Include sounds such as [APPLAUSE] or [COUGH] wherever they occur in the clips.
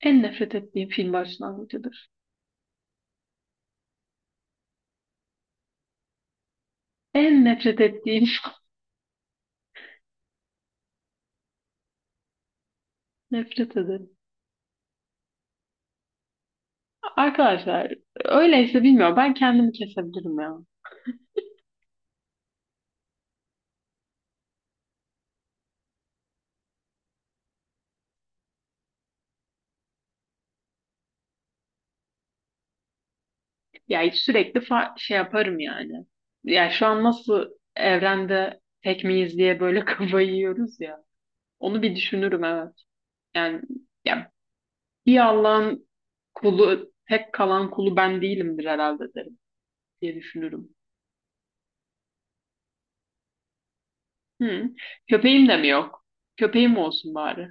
En nefret ettiğim film başlangıcıdır. En nefret ettiğim [LAUGHS] nefret ederim. Arkadaşlar, öyleyse bilmiyorum, ben kendimi kesebilirim ya. Ya sürekli şey yaparım yani. Ya şu an nasıl evrende tek miyiz diye böyle [LAUGHS] kafayı yiyoruz ya. Onu bir düşünürüm, evet. Yani ya bir Allah'ın kulu, tek kalan kulu ben değilimdir herhalde derim diye düşünürüm. Hı. Köpeğim de mi yok? Köpeğim olsun bari.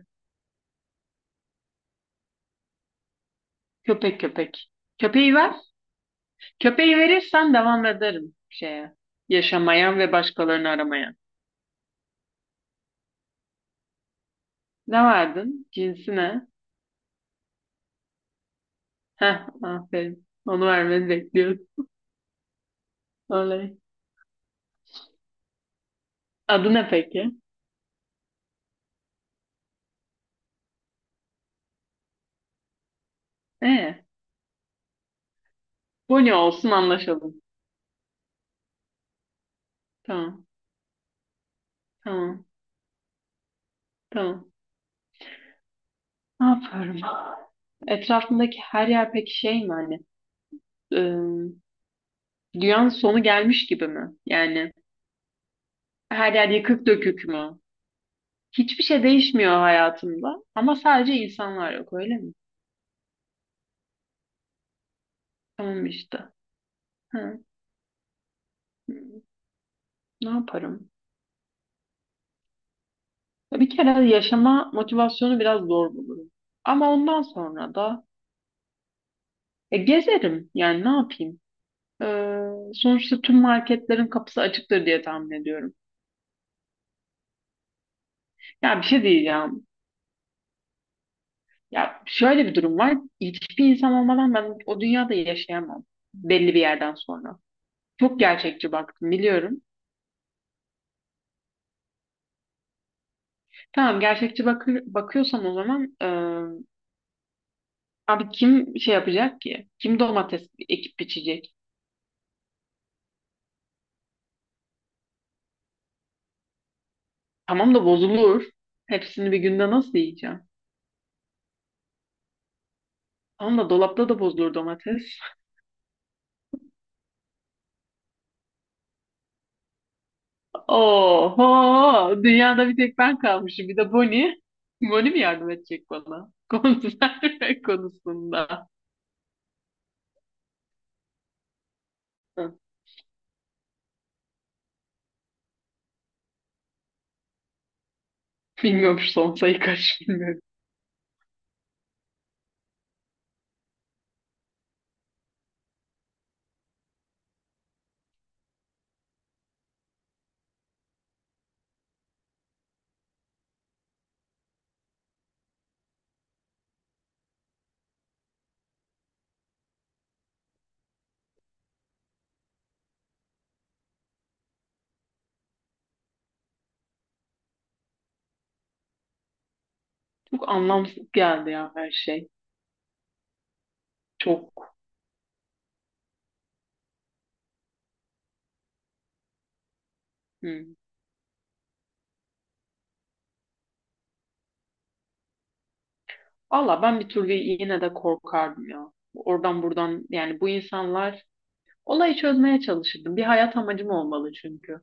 Köpek köpek. Köpeği ver. Köpeği verirsen devam ederim şeye. Yaşamaya ve başkalarını aramaya. Ne verdin? Cinsi ne? Heh, aferin. Onu vermeni bekliyorum. Oley. Adı ne peki? Ee, Bonnie olsun, anlaşalım. Tamam, tamam, tamam. Ne yapıyorum? Etrafındaki her yer peki şey mi hani? ıı, dünyanın sonu gelmiş gibi mi? Yani her yer yıkık dökük mü? Hiçbir şey değişmiyor hayatımda ama sadece insanlar yok, öyle mi? Tamam işte. Hı. Ne yaparım? Ya bir kere yaşama motivasyonu biraz zor bulurum. Ama ondan sonra da gezerim. Yani ne yapayım? Sonuçta tüm marketlerin kapısı açıktır diye tahmin ediyorum. Ya bir şey diyeceğim. Ya şöyle bir durum var. Hiçbir insan olmadan ben o dünyada yaşayamam. Belli bir yerden sonra. Çok gerçekçi baktım, biliyorum. Tamam, gerçekçi bakıyorsan o zaman abi kim şey yapacak ki? Kim domates ekip biçecek? Tamam da bozulur. Hepsini bir günde nasıl yiyeceğim? Tamam da dolapta da bozulur domates. Oho! Dünyada bir tek ben kalmışım. Bir de Bonnie. Bonnie mi yardım edecek bana? [LAUGHS] Konserve konusunda. Hı. Bilmiyorum, şu son sayı kaç bilmiyorum. Çok anlamsız geldi ya her şey. Çok. Hı. Valla ben bir türlü yine de korkardım ya. Oradan buradan, yani bu insanlar olayı çözmeye çalışırdım. Bir hayat amacım olmalı çünkü.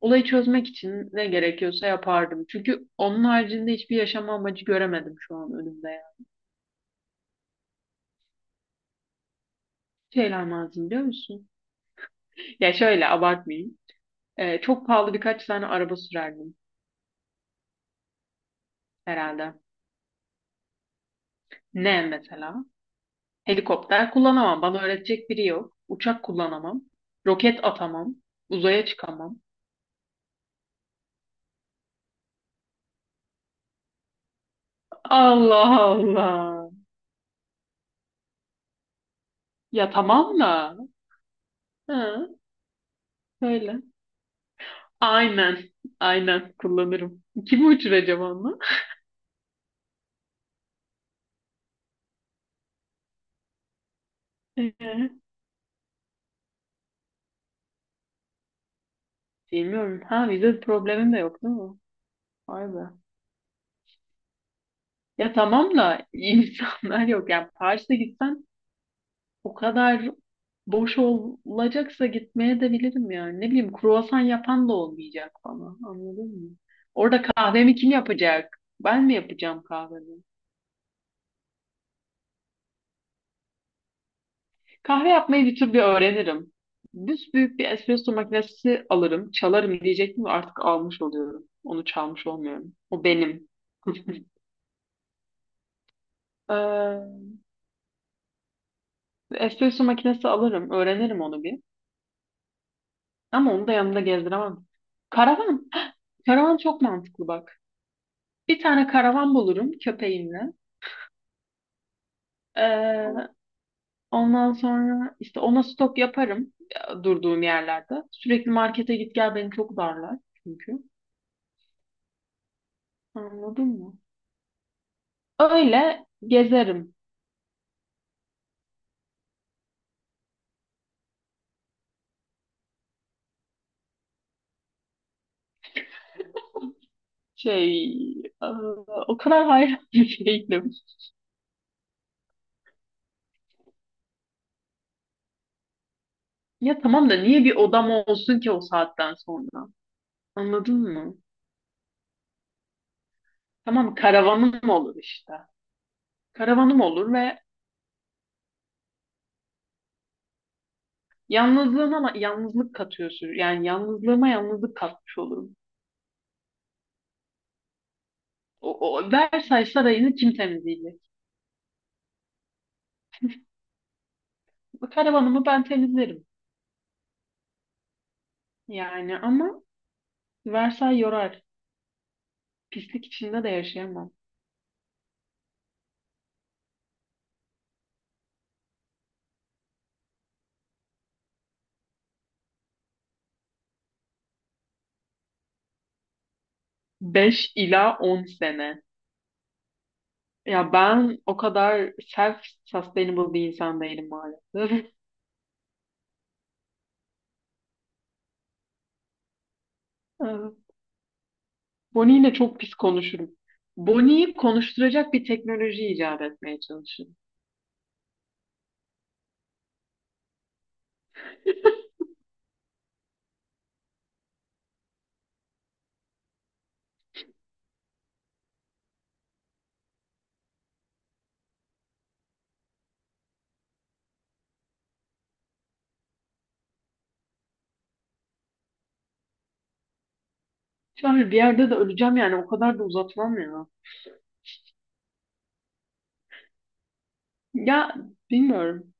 Olayı çözmek için ne gerekiyorsa yapardım. Çünkü onun haricinde hiçbir yaşam amacı göremedim şu an önümde ya. Şeyler lazım, biliyor musun? Ya şöyle abartmayayım. Çok pahalı birkaç tane araba sürerdim herhalde. Ne mesela? Helikopter kullanamam. Bana öğretecek biri yok. Uçak kullanamam. Roket atamam. Uzaya çıkamam. Allah Allah. Ya tamam da. Ha, öyle. Aynen. Aynen kullanırım. Kimi uçuracağım onunla? [LAUGHS] Bilmiyorum. Ha, vize problemin de yok değil mi? Vay be. Ya tamam da insanlar yok. Yani Paris'e gitsen o kadar boş olacaksa gitmeye de bilirim yani. Ne bileyim, kruvasan yapan da olmayacak bana. Anladın mı? Orada kahvemi kim yapacak? Ben mi yapacağım kahvemi? Kahve yapmayı bir türlü öğrenirim. Büyük bir espresso makinesi alırım, çalarım diyecektim de artık almış oluyorum. Onu çalmış olmuyorum. O benim. [LAUGHS] Ee, espresso makinesi alırım. Öğrenirim onu bir. Ama onu da yanımda gezdiremem. Karavan. Karavan çok mantıklı bak. Bir tane karavan bulurum köpeğimle. Ee, ondan sonra işte ona stok yaparım durduğum yerlerde. Sürekli markete git gel beni çok darlar çünkü. Anladın mı? Öyle gezerim. Şey, e, o kadar hayran [LAUGHS] bir değilim. Ya tamam da niye bir odam olsun ki o saatten sonra? Anladın mı? Tamam, karavanım olur işte. Karavanım olur ve yalnızlığıma yalnızlık katıyor sür. Yani yalnızlığıma yalnızlık katmış olurum. O, o Versailles Sarayı'nı kim temizleyecek? Bu karavanımı ben temizlerim. Yani ama Versailles yorar. Pislik içinde de yaşayamam. Beş ila 10 sene. Ya ben o kadar self-sustainable bir insan değilim maalesef. [LAUGHS] Evet. Bonnie ile çok pis konuşurum. Bonnie'yi konuşturacak bir teknoloji icat etmeye çalışırım. Şu an bir yerde de öleceğim yani, o kadar da uzatmam ya. Ya bilmiyorum.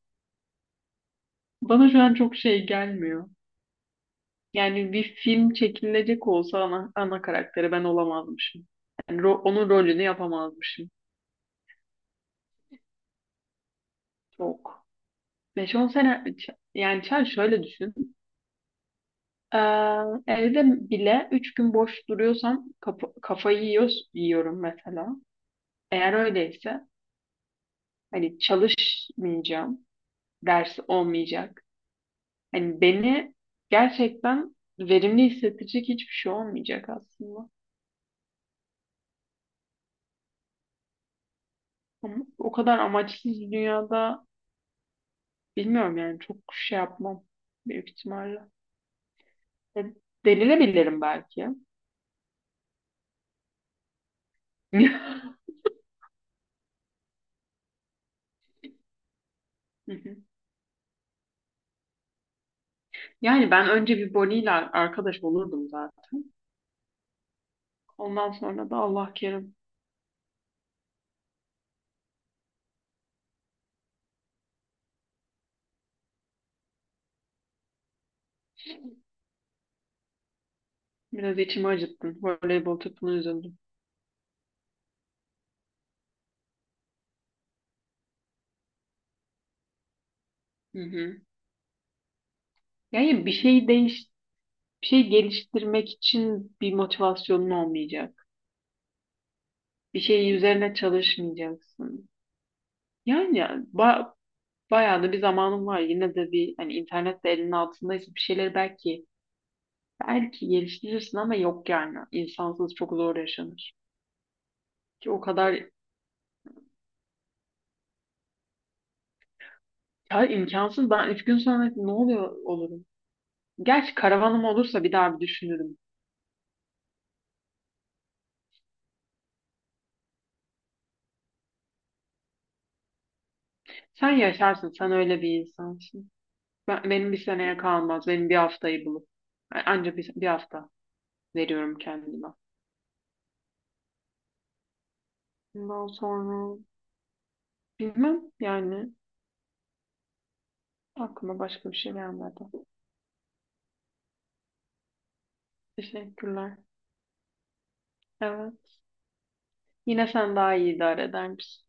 Bana şu an çok şey gelmiyor. Yani bir film çekilecek olsa ana karakteri ben olamazmışım. Yani onun rolünü yapamazmışım. Çok. 5 on sene yani Çağ şöyle düşün. Ee, evde bile 3 gün boş duruyorsam kafayı yiyorum mesela. Eğer öyleyse hani çalışmayacağım. Ders olmayacak. Hani beni gerçekten verimli hissettirecek hiçbir şey olmayacak aslında. Ama o kadar amaçsız bir dünyada bilmiyorum, yani çok şey yapmam büyük ihtimalle. E, Delirebilirim belki. [LAUGHS] Hı hı. Yani ben önce bir Bonnie'yle arkadaş olurdum zaten. Ondan sonra da Allah kerim, biraz içimi acıttın. Voleybol takımına üzüldüm. Hı hı. Yani bir şey geliştirmek için bir motivasyonun olmayacak. Bir şey üzerine çalışmayacaksın. Yani ba- bayağı da bir zamanım var. Yine de bir hani, internet de elinin altındaysa bir şeyleri belki, geliştirirsin ama yok yani. İnsansız çok zor yaşanır. Ki o kadar, ya imkansız. Ben üç gün sonra ne oluyor olurum. Gerçi karavanım olursa bir daha bir düşünürüm. Sen yaşarsın. Sen öyle bir insansın. Benim bir seneye kalmaz. Benim bir haftayı bulup. Yani anca bir hafta veriyorum kendime. Bundan sonra bilmem yani, aklıma başka bir şey gelmedi. Teşekkürler. Evet. Yine sen daha iyi idare edermişsin.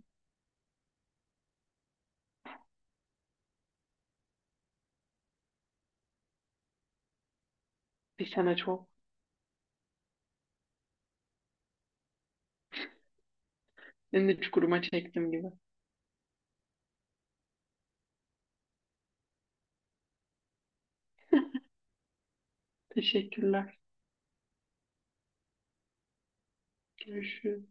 Bir sene çok. Beni de çukuruma çektim gibi. Teşekkürler. Görüşürüz.